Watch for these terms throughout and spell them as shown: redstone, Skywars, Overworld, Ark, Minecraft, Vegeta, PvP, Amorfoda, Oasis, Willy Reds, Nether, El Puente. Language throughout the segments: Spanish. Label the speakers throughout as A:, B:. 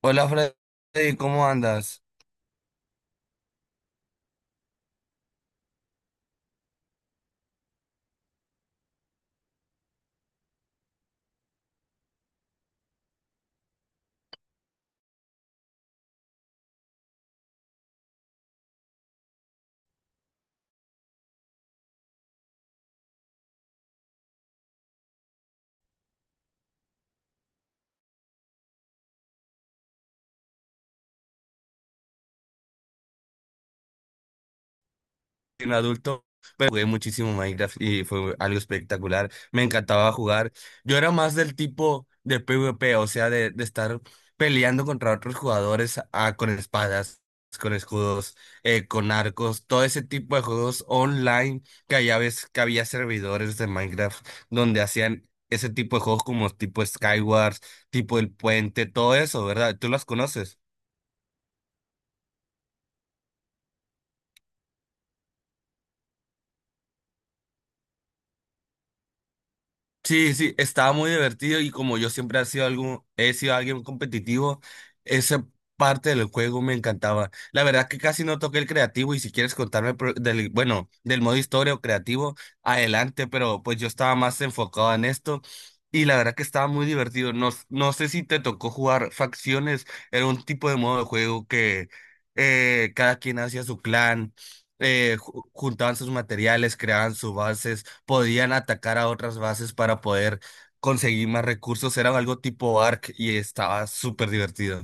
A: Hola Freddy, ¿cómo andas? Soy un adulto, pero jugué muchísimo Minecraft y fue algo espectacular. Me encantaba jugar. Yo era más del tipo de PvP, o sea, de estar peleando contra otros jugadores, ah, con espadas, con escudos, con arcos, todo ese tipo de juegos online, que allá ves que había servidores de Minecraft donde hacían ese tipo de juegos como tipo Skywars, tipo El Puente, todo eso, ¿verdad? ¿Tú las conoces? Sí, sí, estaba muy divertido y como yo siempre he sido alguien competitivo, esa parte del juego me encantaba. La verdad que casi no toqué el creativo y si quieres contarme bueno, del modo historia o creativo, adelante, pero pues yo estaba más enfocado en esto y la verdad que estaba muy divertido. No, no sé si te tocó jugar facciones, era un tipo de modo de juego que, cada quien hacía su clan. Juntaban sus materiales, creaban sus bases, podían atacar a otras bases para poder conseguir más recursos. Era algo tipo Ark y estaba súper divertido.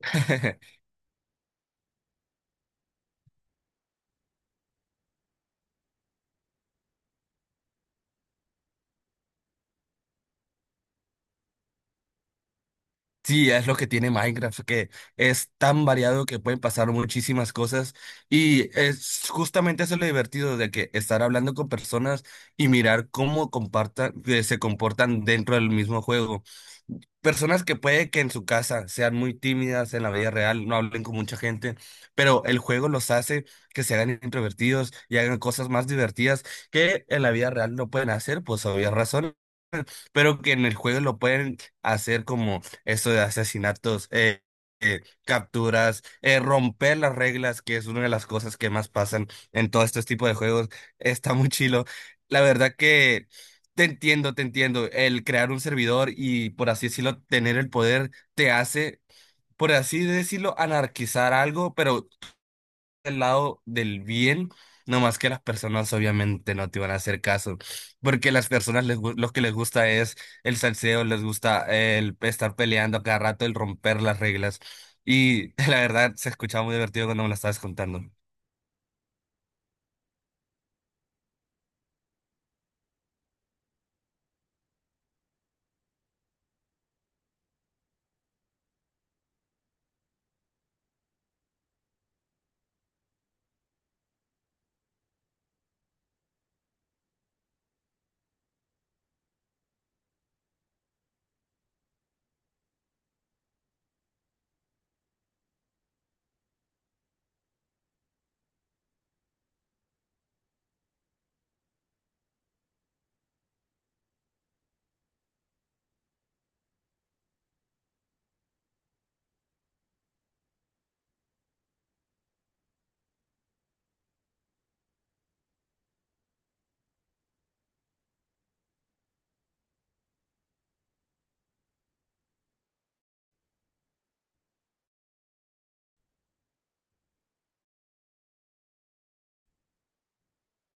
A: Sí, es lo que tiene Minecraft, que es tan variado que pueden pasar muchísimas cosas y es justamente eso lo divertido de que estar hablando con personas y mirar que se comportan dentro del mismo juego. Personas que puede que en su casa sean muy tímidas, en la vida real no hablen con mucha gente, pero el juego los hace que se hagan introvertidos y hagan cosas más divertidas que en la vida real no pueden hacer, pues obvias razones, pero que en el juego lo pueden hacer, como eso de asesinatos, capturas, romper las reglas, que es una de las cosas que más pasan en todo este tipo de juegos. Está muy chilo. La verdad que te entiendo, te entiendo. El crear un servidor y, por así decirlo, tener el poder te hace, por así decirlo, anarquizar algo, pero del lado del bien, no más que las personas obviamente no te van a hacer caso, porque las personas lo que les gusta es el salseo, les gusta el estar peleando a cada rato, el romper las reglas. Y la verdad se escuchaba muy divertido cuando me lo estabas contando.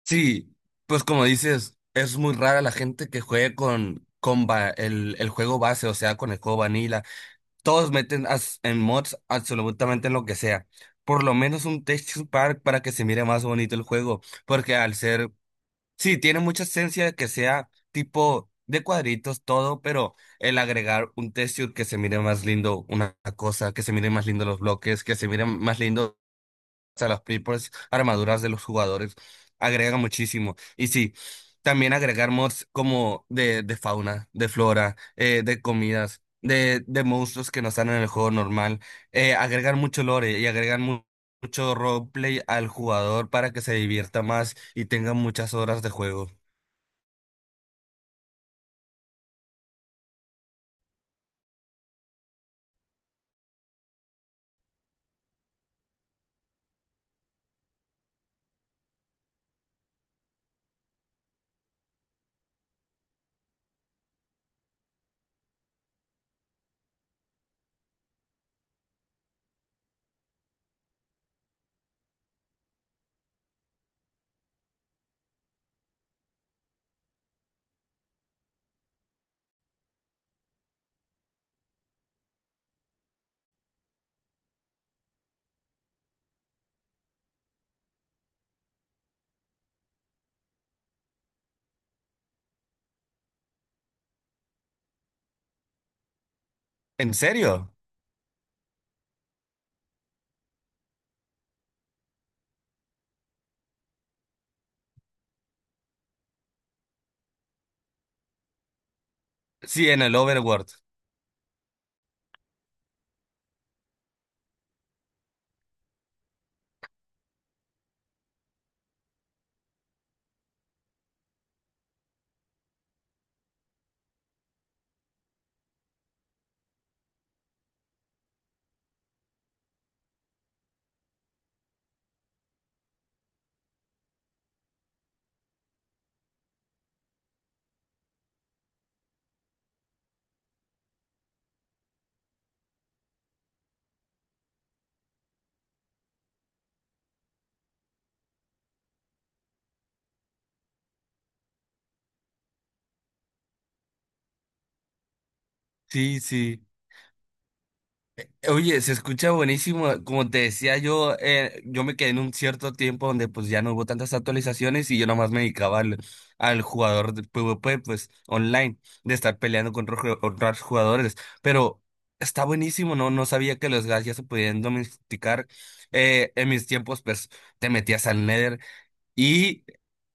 A: Sí, pues como dices, es muy rara la gente que juegue el juego base, o sea, con el juego vanilla. Todos meten en mods absolutamente en lo que sea. Por lo menos un texture pack para que se mire más bonito el juego. Porque al ser, sí, tiene mucha esencia de que sea tipo de cuadritos todo, pero el agregar un texture que se mire más lindo, una cosa, que se mire más lindo los bloques, que se mire más lindo, sea, las propias armaduras de los jugadores agregan muchísimo. Y sí, también agregar mods como de fauna, de flora, de comidas, de monstruos que no están en el juego normal. Agregar mucho lore y agregan mucho roleplay al jugador para que se divierta más y tenga muchas horas de juego. ¿En serio? Sí, en el Overworld. Sí, sí. Oye, se escucha buenísimo. Como te decía yo, yo me quedé en un cierto tiempo donde pues ya no hubo tantas actualizaciones y yo nomás me dedicaba al jugador de PvP, pues online, de estar peleando contra otros jugadores. Pero está buenísimo, ¿no? No sabía que los gas ya se podían domesticar. En mis tiempos, pues te metías al Nether y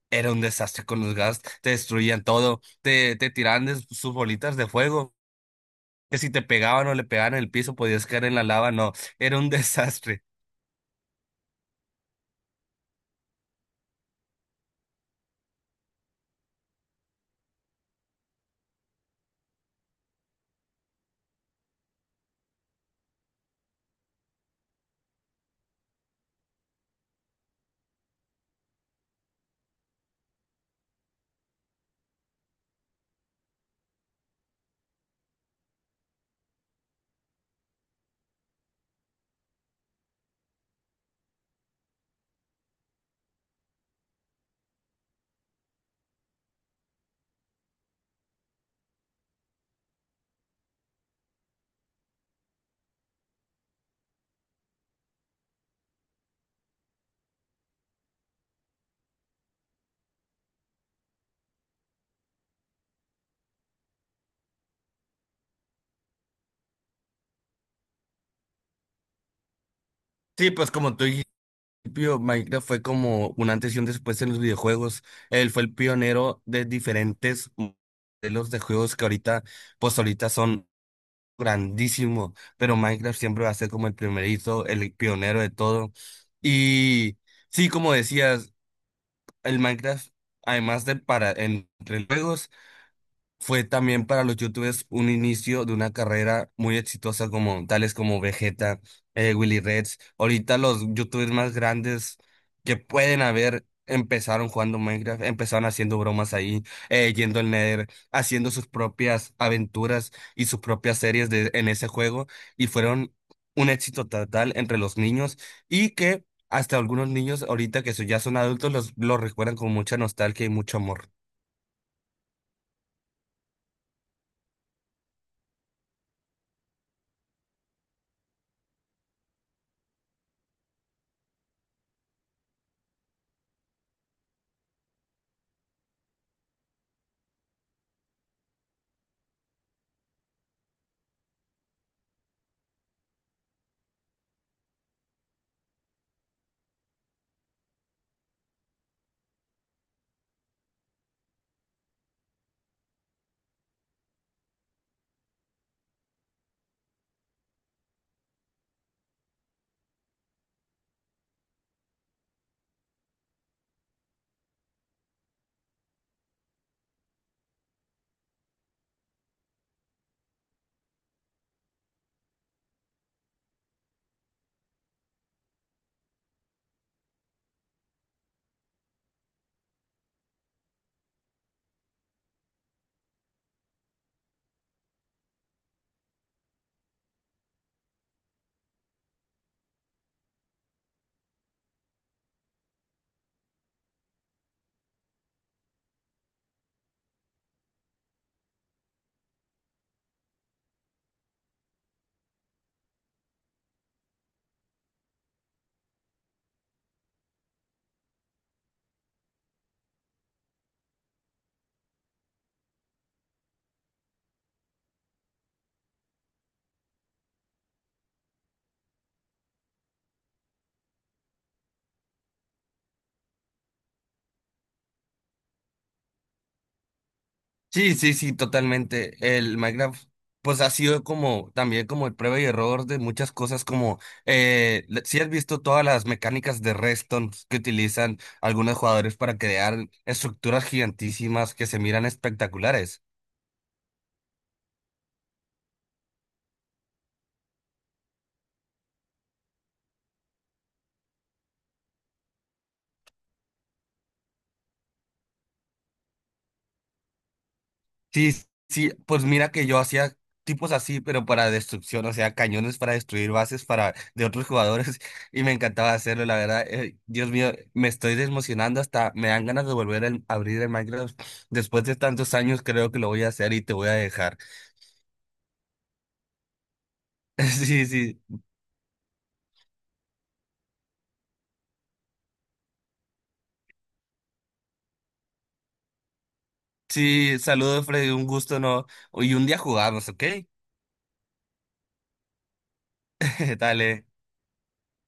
A: era un desastre con los gas. Te destruían todo, te tiraban de sus bolitas de fuego, que si te pegaban o le pegaban en el piso podías caer en la lava, no, era un desastre. Sí, pues como tú dijiste, Pío, Minecraft fue como un antes y un después en los videojuegos. Él fue el pionero de diferentes modelos de juegos que ahorita, pues ahorita son grandísimos, pero Minecraft siempre va a ser como el primerito, el pionero de todo. Y sí, como decías, el Minecraft, además de para entre juegos, fue también para los youtubers un inicio de una carrera muy exitosa, como tales como Vegeta, Willy Reds. Ahorita los youtubers más grandes que pueden haber empezaron jugando Minecraft, empezaron haciendo bromas ahí, yendo al Nether, haciendo sus propias aventuras y sus propias series en ese juego, y fueron un éxito total entre los niños y que hasta algunos niños ahorita que ya son adultos los recuerdan con mucha nostalgia y mucho amor. Sí, sí, sí, totalmente. El Minecraft, pues ha sido como también como el prueba y error de muchas cosas, como, si has visto todas las mecánicas de redstone que utilizan algunos jugadores para crear estructuras gigantísimas que se miran espectaculares. Sí, sí, pues mira que yo hacía tipos así, pero para destrucción, o sea, cañones para destruir bases para de otros jugadores y me encantaba hacerlo, la verdad. Dios mío, me estoy desmocionando, hasta me dan ganas de volver a abrir el Minecraft. Después de tantos años creo que lo voy a hacer y te voy a dejar. Sí, sí. Sí, saludos Freddy, un gusto, ¿no? Y un día jugamos, ¿ok? Dale.